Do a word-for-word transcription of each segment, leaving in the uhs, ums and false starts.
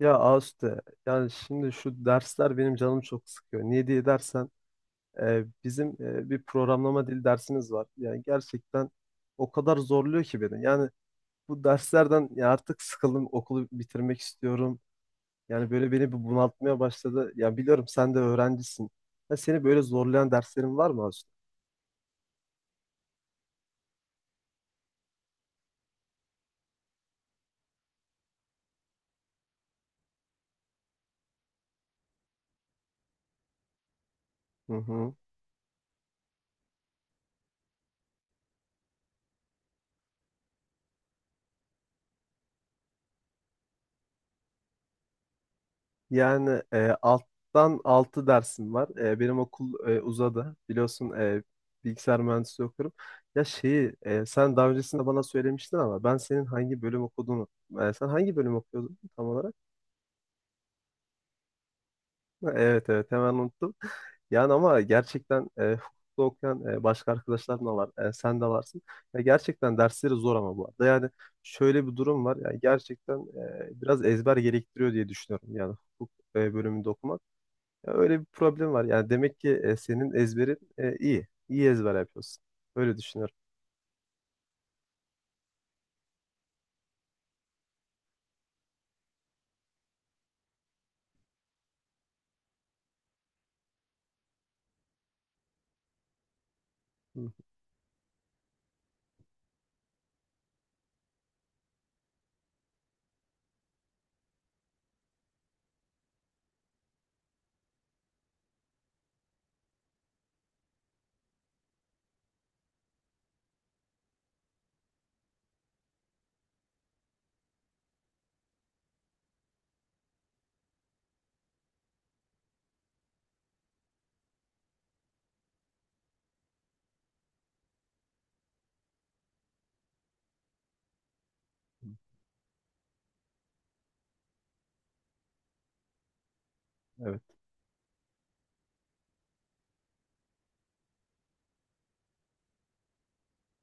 Ya Ağustos'ta yani şimdi şu dersler benim canım çok sıkıyor. Niye diye dersen e, bizim e, bir programlama dili dersimiz var. Yani gerçekten o kadar zorluyor ki beni. Yani bu derslerden ya artık sıkıldım, okulu bitirmek istiyorum. Yani böyle beni bir bunaltmaya başladı. Ya biliyorum sen de öğrencisin. Ya seni böyle zorlayan derslerin var mı Ağustos? Hı hı. Yani e, alttan altı dersim var. E, benim okul e, uzadı. Biliyorsun, e, bilgisayar mühendisliği okuyorum. Ya şeyi e, sen daha öncesinde bana söylemiştin ama ben senin hangi bölüm okuduğunu e, sen hangi bölüm okuyordun tam olarak? Ha, evet, evet, hemen unuttum. Yani ama gerçekten e, hukukta okuyan e, başka arkadaşlarım da var. E, sen de varsın. Ya gerçekten dersleri zor ama bu arada. Yani şöyle bir durum var. Yani gerçekten e, biraz ezber gerektiriyor diye düşünüyorum. Yani hukuk e, bölümünde okumak. Ya öyle bir problem var. Yani demek ki e, senin ezberin e, iyi. İyi ezber yapıyorsun. Öyle düşünüyorum. Hı, Evet,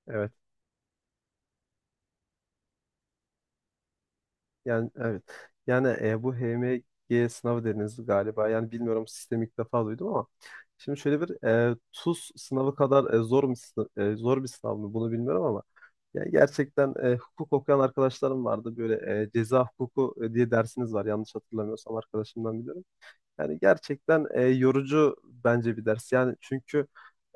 evet. Yani evet. Yani e, bu H M G sınavı dediniz galiba. Yani bilmiyorum, sistemi ilk defa duydum ama şimdi şöyle bir e, TUS sınavı kadar e, zor mu sı- e, zor bir sınav mı bunu bilmiyorum ama yani gerçekten e, hukuk okuyan arkadaşlarım vardı. Böyle e, ceza hukuku e, diye dersiniz var. Yanlış hatırlamıyorsam arkadaşımdan biliyorum. Yani gerçekten e, yorucu bence bir ders. Yani çünkü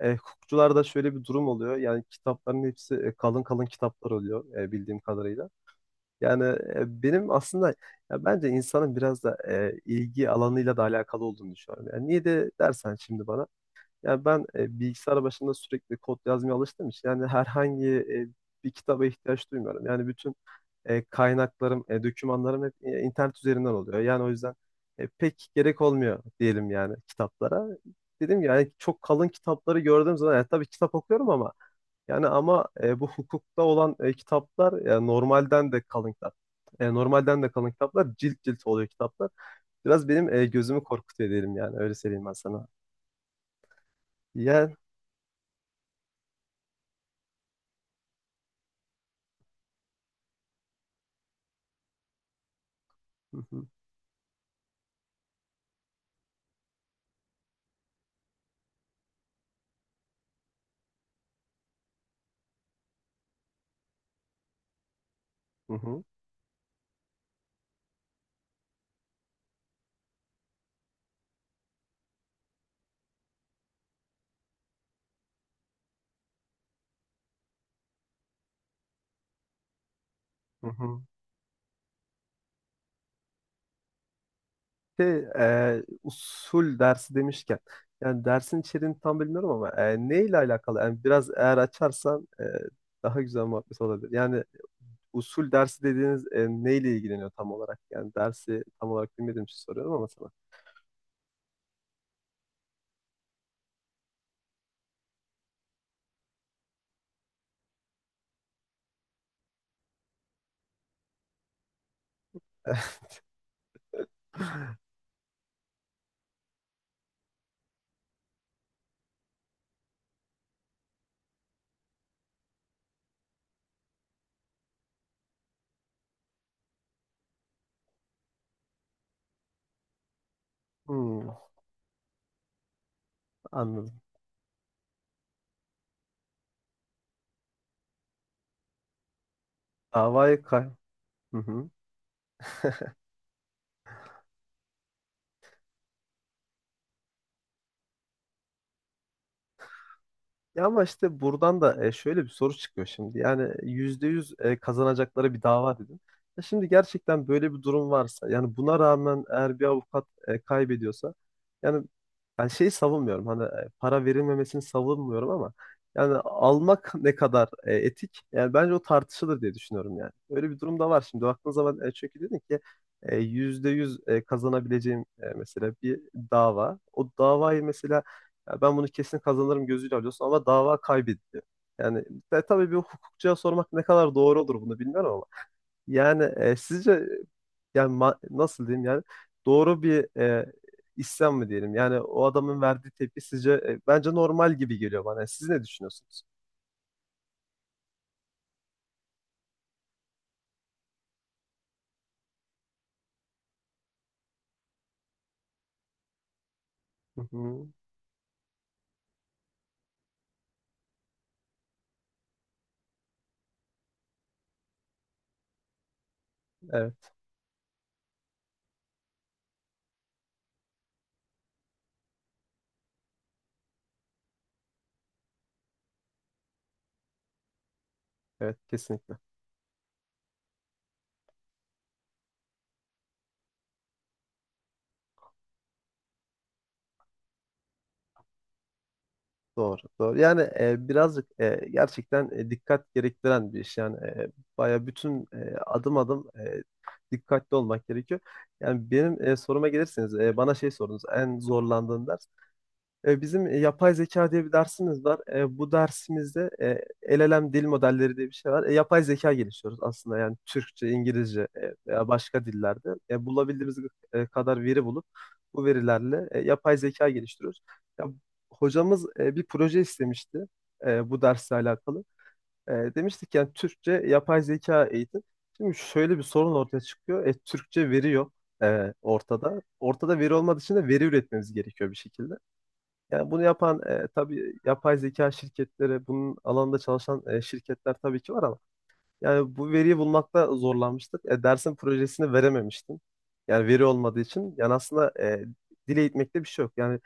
e, hukukçularda şöyle bir durum oluyor. Yani kitapların hepsi e, kalın kalın kitaplar oluyor, e, bildiğim kadarıyla. Yani e, benim aslında ya bence insanın biraz da e, ilgi alanıyla da alakalı olduğunu düşünüyorum. Yani niye de dersen şimdi bana. Yani ben e, bilgisayar başında sürekli kod yazmaya alıştığım için yani herhangi e, bir kitaba ihtiyaç duymuyorum. Yani bütün e, kaynaklarım, e, dokümanlarım hep e, internet üzerinden oluyor. Yani o yüzden e, pek gerek olmuyor diyelim yani kitaplara. Dedim ki yani çok kalın kitapları gördüğüm zaman yani tabii kitap okuyorum ama yani ama e, bu hukukta olan e, kitaplar yani normalden de kalın kitap. E, normalden de kalın kitaplar, cilt cilt oluyor kitaplar. Biraz benim e, gözümü korkutuyor diyelim, yani öyle söyleyeyim ben sana. Ya hı hı, hı hı, hı hı. Şey, e, usul dersi demişken, yani dersin içeriğini tam bilmiyorum ama e, neyle alakalı? Yani biraz eğer açarsan e, daha güzel muhabbet olabilir. Yani usul dersi dediğiniz e, neyle ilgileniyor tam olarak? Yani dersi tam olarak bilmediğim için soruyorum ama sana. Hmm, anladım. Davayı kay. Hı hı. Ya ama işte buradan da e, şöyle bir soru çıkıyor şimdi. Yani yüzde yüz e, kazanacakları bir dava dedin. Ya şimdi gerçekten böyle bir durum varsa yani buna rağmen eğer bir avukat e, kaybediyorsa yani ben şeyi savunmuyorum. Hani e, para verilmemesini savunmuyorum ama yani almak ne kadar e, etik? Yani bence o tartışılır diye düşünüyorum yani. Öyle bir durum da var şimdi. Baktığın zaman e, çünkü dedin ki e, yüzde yüz e, kazanabileceğim e, mesela bir dava. O davayı mesela ya ben bunu kesin kazanırım gözüyle alıyorsun ama dava kaybediliyor. Yani e, tabii bir hukukçuya sormak ne kadar doğru olur bunu bilmiyorum ama yani e, sizce e, yani ma- nasıl diyeyim yani doğru bir e, isyan mı diyelim? Yani o adamın verdiği tepki sizce e, bence normal gibi geliyor bana. Siz ne düşünüyorsunuz? Hı hı. Evet, evet, kesinlikle. Doğru, doğru. Yani e, birazcık e, gerçekten e, dikkat gerektiren bir iş. Yani e, baya bütün e, adım adım e, dikkatli olmak gerekiyor. Yani benim e, soruma gelirseniz e, bana şey sorunuz en zorlandığın ders. E, Bizim e, yapay zeka diye bir dersimiz var. E, bu dersimizde e, L L M dil modelleri diye bir şey var. E, yapay zeka geliştiriyoruz aslında yani Türkçe, İngilizce, e, veya başka dillerde. E, bulabildiğimiz e, kadar veri bulup bu verilerle e, yapay zeka geliştiriyoruz. Ya, hocamız e, bir proje istemişti e, bu dersle alakalı. E, demiştik yani Türkçe yapay zeka eğitim. Şimdi şöyle bir sorun ortaya çıkıyor. E, Türkçe veri yok e, ortada. Ortada veri olmadığı için de veri üretmemiz gerekiyor bir şekilde. Yani bunu yapan e, tabii yapay zeka şirketleri, bunun alanında çalışan e, şirketler tabii ki var ama yani bu veriyi bulmakta zorlanmıştık. E, dersin projesini verememiştim. Yani veri olmadığı için. Yani aslında e, dile eğitmekte bir şey yok. Yani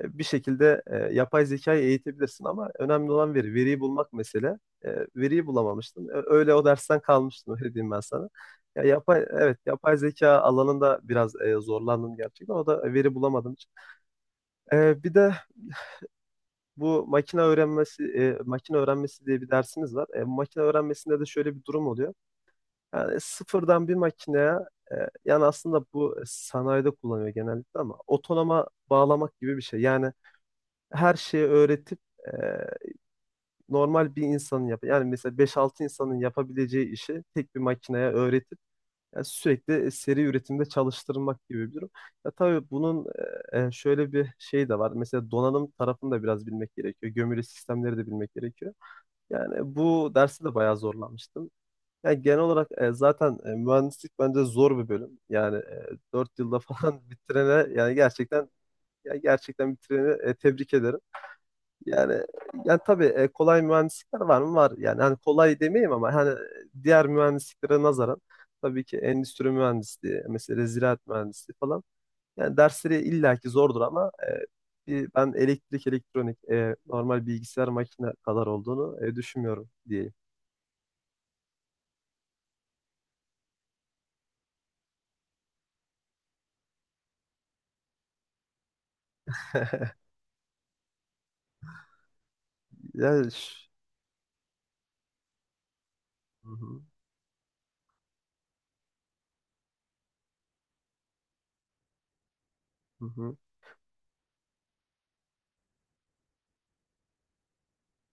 e, bir şekilde e, yapay zekayı eğitebilirsin ama önemli olan veri. Veriyi bulmak mesele. E, veriyi bulamamıştım. E, öyle o dersten kalmıştım, öyle diyeyim ben sana. Ya yapay evet yapay zeka alanında biraz e, zorlandım gerçekten. O da e, veri bulamadım. E, bir de bu makine öğrenmesi e, makine öğrenmesi diye bir dersimiz var. E, makine öğrenmesinde de şöyle bir durum oluyor. Yani sıfırdan bir makineye e, yani aslında bu e, sanayide kullanıyor genellikle ama otonoma bağlamak gibi bir şey. Yani her şeyi öğretip e, normal bir insanın yap yani mesela beş altı insanın yapabileceği işi tek bir makineye öğretip yani sürekli seri üretimde çalıştırmak gibi bir durum. Ya tabii bunun e, e, şöyle bir şey de var. Mesela donanım tarafını da biraz bilmek gerekiyor. Gömülü sistemleri de bilmek gerekiyor. Yani bu derste de bayağı zorlanmıştım. Yani genel olarak e, zaten e, mühendislik bence zor bir bölüm. Yani e, dört yılda falan bitirene yani gerçekten ya gerçekten bitireni e, tebrik ederim. Yani yani tabii e, kolay mühendislikler var mı? Var. Yani hani kolay demeyeyim ama hani e, diğer mühendisliklere nazaran tabii ki endüstri mühendisliği, mesela ziraat mühendisliği falan. Yani dersleri illaki zordur ama e, bir- ben elektrik, elektronik, e, normal bilgisayar makine kadar olduğunu e, düşünmüyorum, diyeyim. Yani ş- Hı hı, hı hı.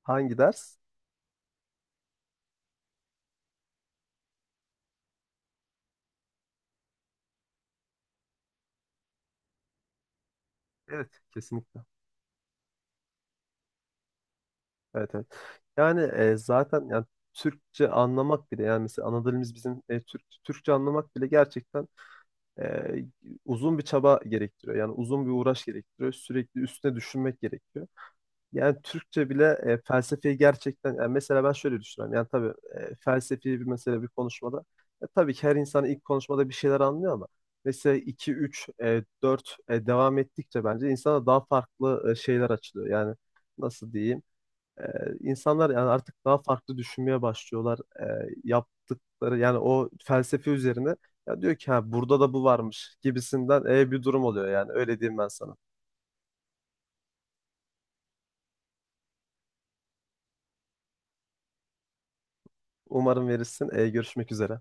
Hangi ders? Evet, kesinlikle. Evet, evet. Yani e, zaten yani Türkçe anlamak bile yani mesela ana dilimiz bizim e, Türk, Türkçe anlamak bile gerçekten e, uzun bir çaba gerektiriyor. Yani uzun bir uğraş gerektiriyor. Sürekli üstüne düşünmek gerekiyor. Yani Türkçe bile e, felsefeyi gerçekten yani mesela ben şöyle düşünüyorum. Yani tabii e, felsefi bir mesele bir konuşmada e, tabii ki her insan ilk konuşmada bir şeyler anlıyor ama mesela iki üç e, dört e, devam ettikçe bence insana daha farklı e, şeyler açılıyor. Yani nasıl diyeyim? E, insanlar yani artık daha farklı düşünmeye başlıyorlar. E, yaptıkları yani o felsefe üzerine ya diyor ki ha burada da bu varmış gibisinden e, bir durum oluyor yani öyle diyeyim ben sana. Umarım verirsin. E, görüşmek üzere.